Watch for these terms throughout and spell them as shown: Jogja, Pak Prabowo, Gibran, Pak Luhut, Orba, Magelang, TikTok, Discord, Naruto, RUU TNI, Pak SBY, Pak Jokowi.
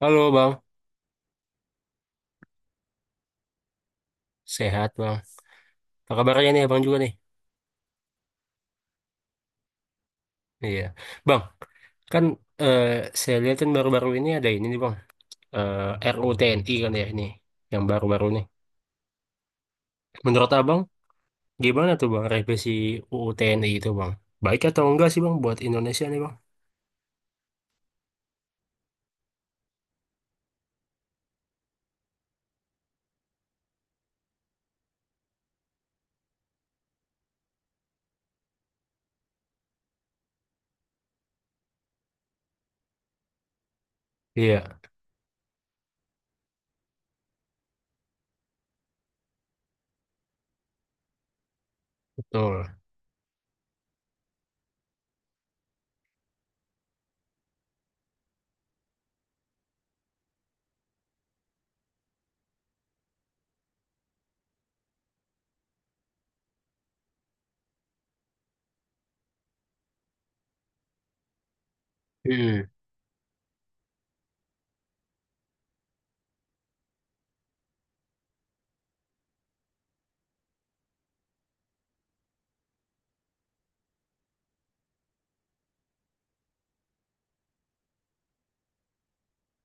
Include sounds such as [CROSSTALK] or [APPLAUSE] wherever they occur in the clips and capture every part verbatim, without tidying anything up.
Halo Bang, sehat Bang. Apa kabarnya nih Abang juga nih? Iya. Bang, kan eh, saya lihat kan baru-baru ini ada ini nih Bang, eh, R U U T N I kan ya ini, yang baru-baru nih. Menurut Abang, gimana tuh Bang revisi U U T N I itu Bang? Baik atau enggak sih Bang buat Indonesia nih Bang? Iya, betul. Hmm.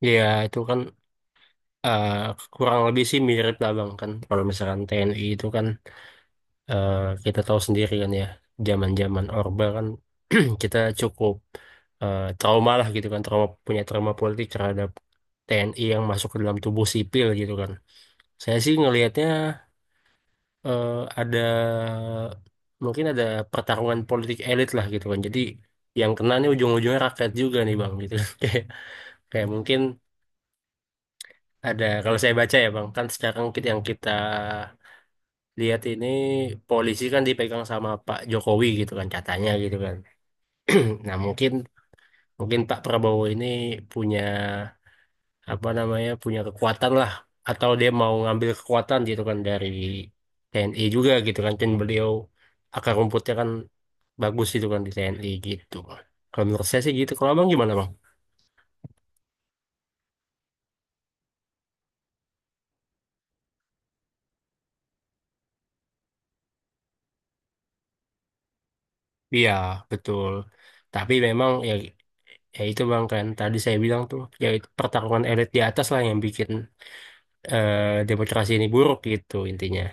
Iya, itu kan eh, kurang lebih sih mirip lah Bang kan. Kalau misalkan T N I itu kan eh, kita tahu sendiri kan ya, zaman-zaman Orba kan [CLEARS THROAT] kita cukup eh, trauma lah gitu kan, trauma punya trauma politik terhadap T N I yang masuk ke dalam tubuh sipil gitu kan. Saya sih ngelihatnya eh, ada mungkin ada pertarungan politik elit lah gitu kan. Jadi yang kena nih ujung-ujungnya rakyat juga nih bang gitu. [LAUGHS] Kayak kayak mungkin ada kalau saya baca ya bang kan sekarang kita yang kita lihat ini polisi kan dipegang sama Pak Jokowi gitu kan katanya gitu kan. [CLEARS THROAT] Hmm, nah, mungkin mungkin Pak Prabowo ini punya apa namanya punya kekuatan lah atau dia mau ngambil kekuatan gitu kan dari T N I juga gitu kan kan beliau akar rumputnya kan bagus gitu kan di T N I gitu. Kalau menurut saya sih gitu. Kalau Abang gimana Bang? Iya, betul. Tapi memang ya ya itu Bang kan tadi saya bilang tuh ya itu pertarungan elit di atas lah yang bikin eh, demokrasi ini buruk gitu intinya.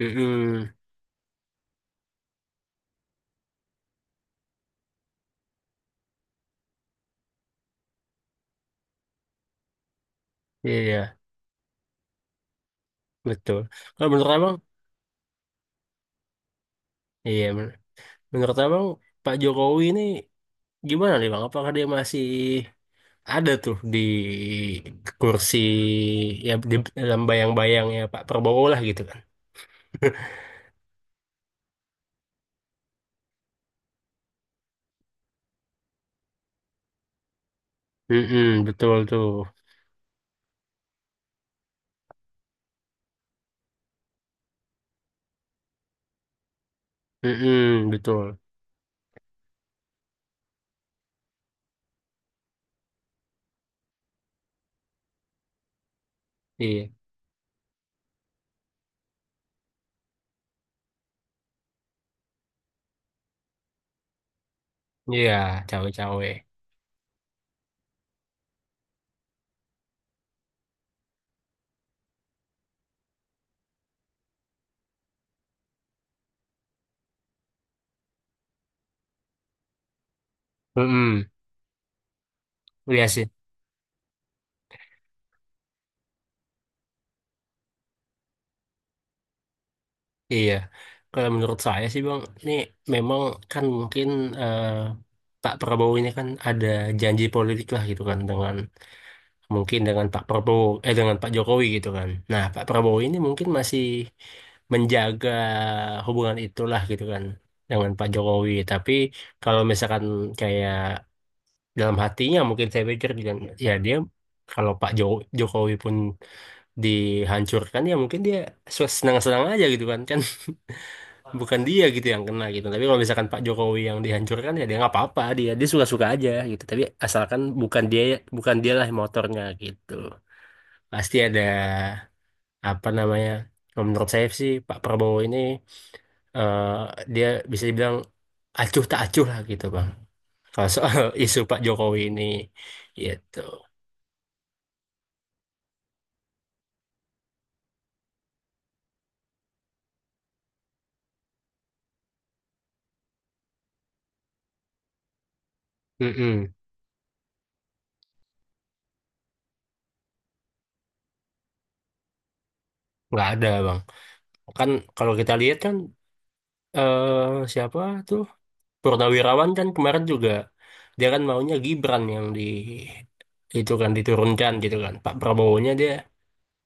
Mm-mm. Iya, betul. Kalau menurut Abang iya, menurut abang Pak Jokowi ini gimana nih bang? Apakah dia masih ada tuh di kursi ya di dalam bayang-bayangnya Pak Prabowo lah gitu kan? Mm-mm, betul tuh. Mm-mm, betul. Iya, iya, cawe-cawe. Mm-mm, iya sih. Iya. Kalau menurut saya sih bang, ini memang kan mungkin eh, Pak Prabowo ini kan ada janji politik lah gitu kan dengan mungkin dengan Pak Prabowo eh dengan Pak Jokowi gitu kan. Nah, Pak Prabowo ini mungkin masih menjaga hubungan itulah gitu kan dengan Pak Jokowi. Tapi kalau misalkan kayak dalam hatinya mungkin saya pikir juga ya dia kalau Pak Jo- Jokowi pun dihancurkan ya mungkin dia senang-senang aja gitu kan kan [LAUGHS] bukan dia gitu yang kena gitu. Tapi kalau misalkan Pak Jokowi yang dihancurkan ya dia nggak apa-apa dia dia suka-suka aja gitu. Tapi asalkan bukan dia bukan dialah motornya gitu pasti ada apa namanya kalau menurut saya sih Pak Prabowo ini eh, dia bisa dibilang acuh tak acuh lah gitu bang kalau soal [LAUGHS] isu Pak Jokowi ini gitu. Mm-mm. Nggak ada bang kan kalau kita lihat kan eh, siapa tuh Purnawirawan kan kemarin juga dia kan maunya Gibran yang di itu kan diturunkan gitu kan Pak Prabowonya dia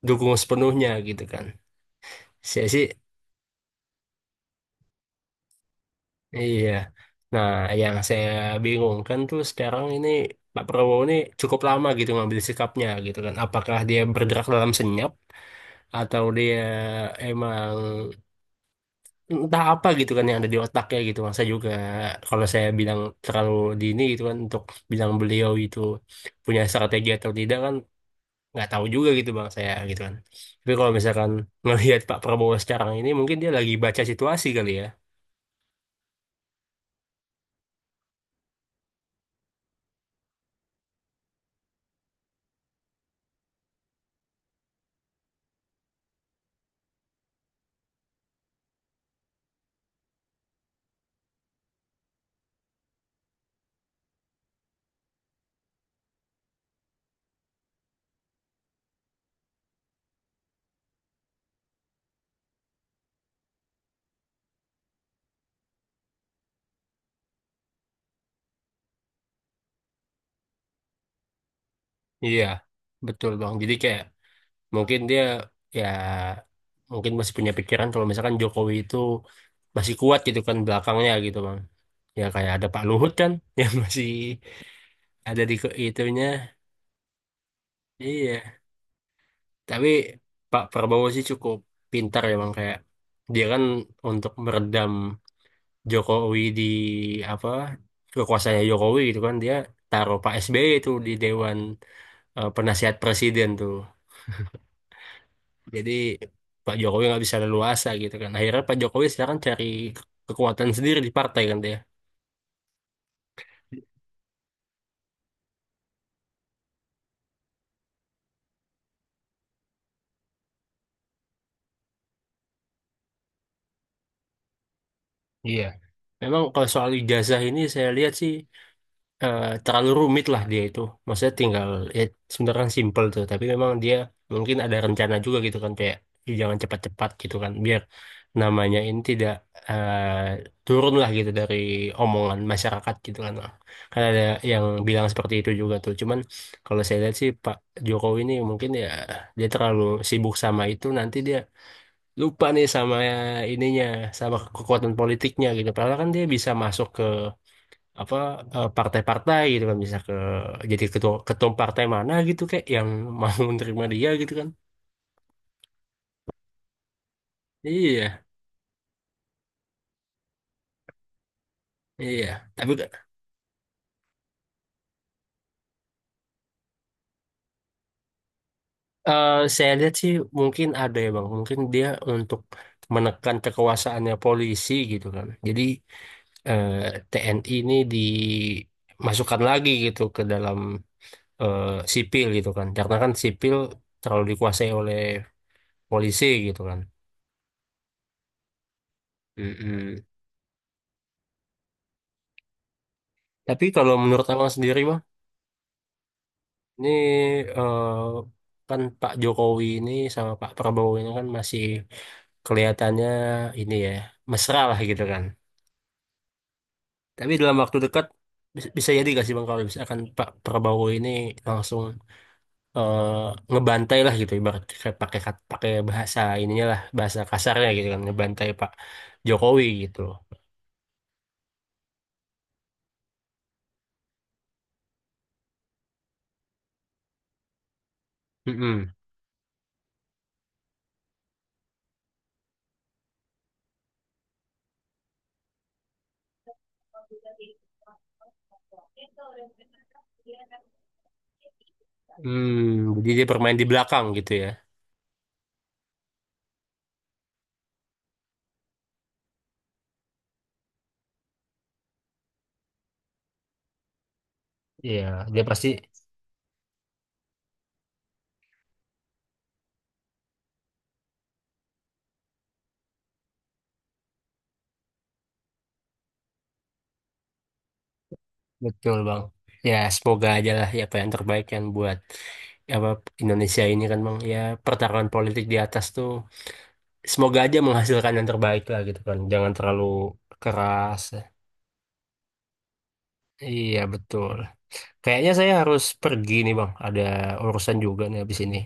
dukung sepenuhnya gitu kan saya sih iya. Nah, yang saya bingungkan tuh sekarang ini Pak Prabowo ini cukup lama gitu ngambil sikapnya gitu kan. Apakah dia bergerak dalam senyap atau dia emang entah apa gitu kan yang ada di otaknya gitu. Masa juga kalau saya bilang terlalu dini gitu kan untuk bilang beliau itu punya strategi atau tidak kan nggak tahu juga gitu bang saya gitu kan. Tapi kalau misalkan [LAUGHS] ngelihat Pak Prabowo sekarang ini mungkin dia lagi baca situasi kali ya. Iya. Betul bang. Jadi kayak mungkin dia ya mungkin masih punya pikiran kalau misalkan Jokowi itu masih kuat gitu kan belakangnya gitu bang. Ya kayak ada Pak Luhut kan [LAUGHS] yang masih ada di ke- itunya. Iya. Tapi Pak Prabowo sih cukup pintar ya bang kayak dia kan untuk meredam Jokowi di apa kekuasaannya Jokowi gitu kan dia taruh Pak S B Y itu di Dewan eh, Penasihat Presiden tuh. Jadi Pak Jokowi nggak bisa leluasa gitu kan. Akhirnya Pak Jokowi sekarang cari ke- kekuatan sendiri di partai kan dia. Iya. Memang kalau soal ijazah ini saya lihat sih eh, terlalu rumit lah dia itu. Maksudnya tinggal ya sebenarnya kan simple tuh, tapi memang dia mungkin ada rencana juga gitu kan kayak, "Ih, jangan cepat-cepat gitu kan biar namanya ini tidak eh, turun lah gitu dari omongan masyarakat gitu kan." Kan ada yang bilang seperti itu juga tuh. Cuman kalau saya lihat sih Pak Jokowi ini mungkin ya dia terlalu sibuk sama itu nanti dia lupa nih sama ininya sama kekuatan politiknya gitu. Padahal kan dia bisa masuk ke apa eh, partai-partai gitu kan bisa ke jadi ketua ketua partai mana gitu kayak yang [LAUGHS] mau menerima dia gitu kan iya iya tapi eh, saya lihat sih mungkin ada ya bang mungkin dia untuk menekan kekuasaannya polisi gitu kan jadi eh, T N I ini dimasukkan lagi gitu ke dalam eh, sipil gitu kan karena kan sipil terlalu dikuasai oleh polisi gitu kan. Mm-mm. Tapi kalau menurut abang sendiri ini eh, kan Pak Jokowi ini sama Pak Prabowo ini kan masih kelihatannya ini ya mesra lah gitu kan. Tapi dalam waktu dekat bis- bisa jadi gak sih Bang kalau misalkan Pak Prabowo ini langsung eh, ngebantai lah gitu ibarat kayak pakai kat- pakai bahasa ininya lah bahasa kasarnya gitu kan ngebantai Pak Jokowi gitu. Mm-mm. Hmm, jadi dia bermain di belakang gitu ya. Iya, dia pasti betul bang. Ya semoga aja lah ya apa yang terbaik kan buat apa Indonesia ini kan bang. Ya pertarungan politik di atas tuh semoga aja menghasilkan yang terbaik lah gitu kan. Jangan terlalu keras. Iya betul. Kayaknya saya harus pergi nih bang. Ada urusan juga nih habis ini.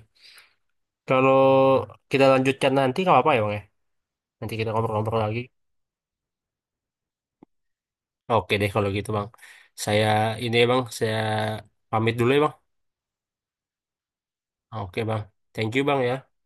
Kalau kita lanjutkan nanti nggak apa-apa ya bang ya. Nanti kita ngobrol-ngobrol lagi. Oke deh kalau gitu bang. Saya ini ya bang. Saya pamit dulu ya bang. Oke bang. Thank you bang ya.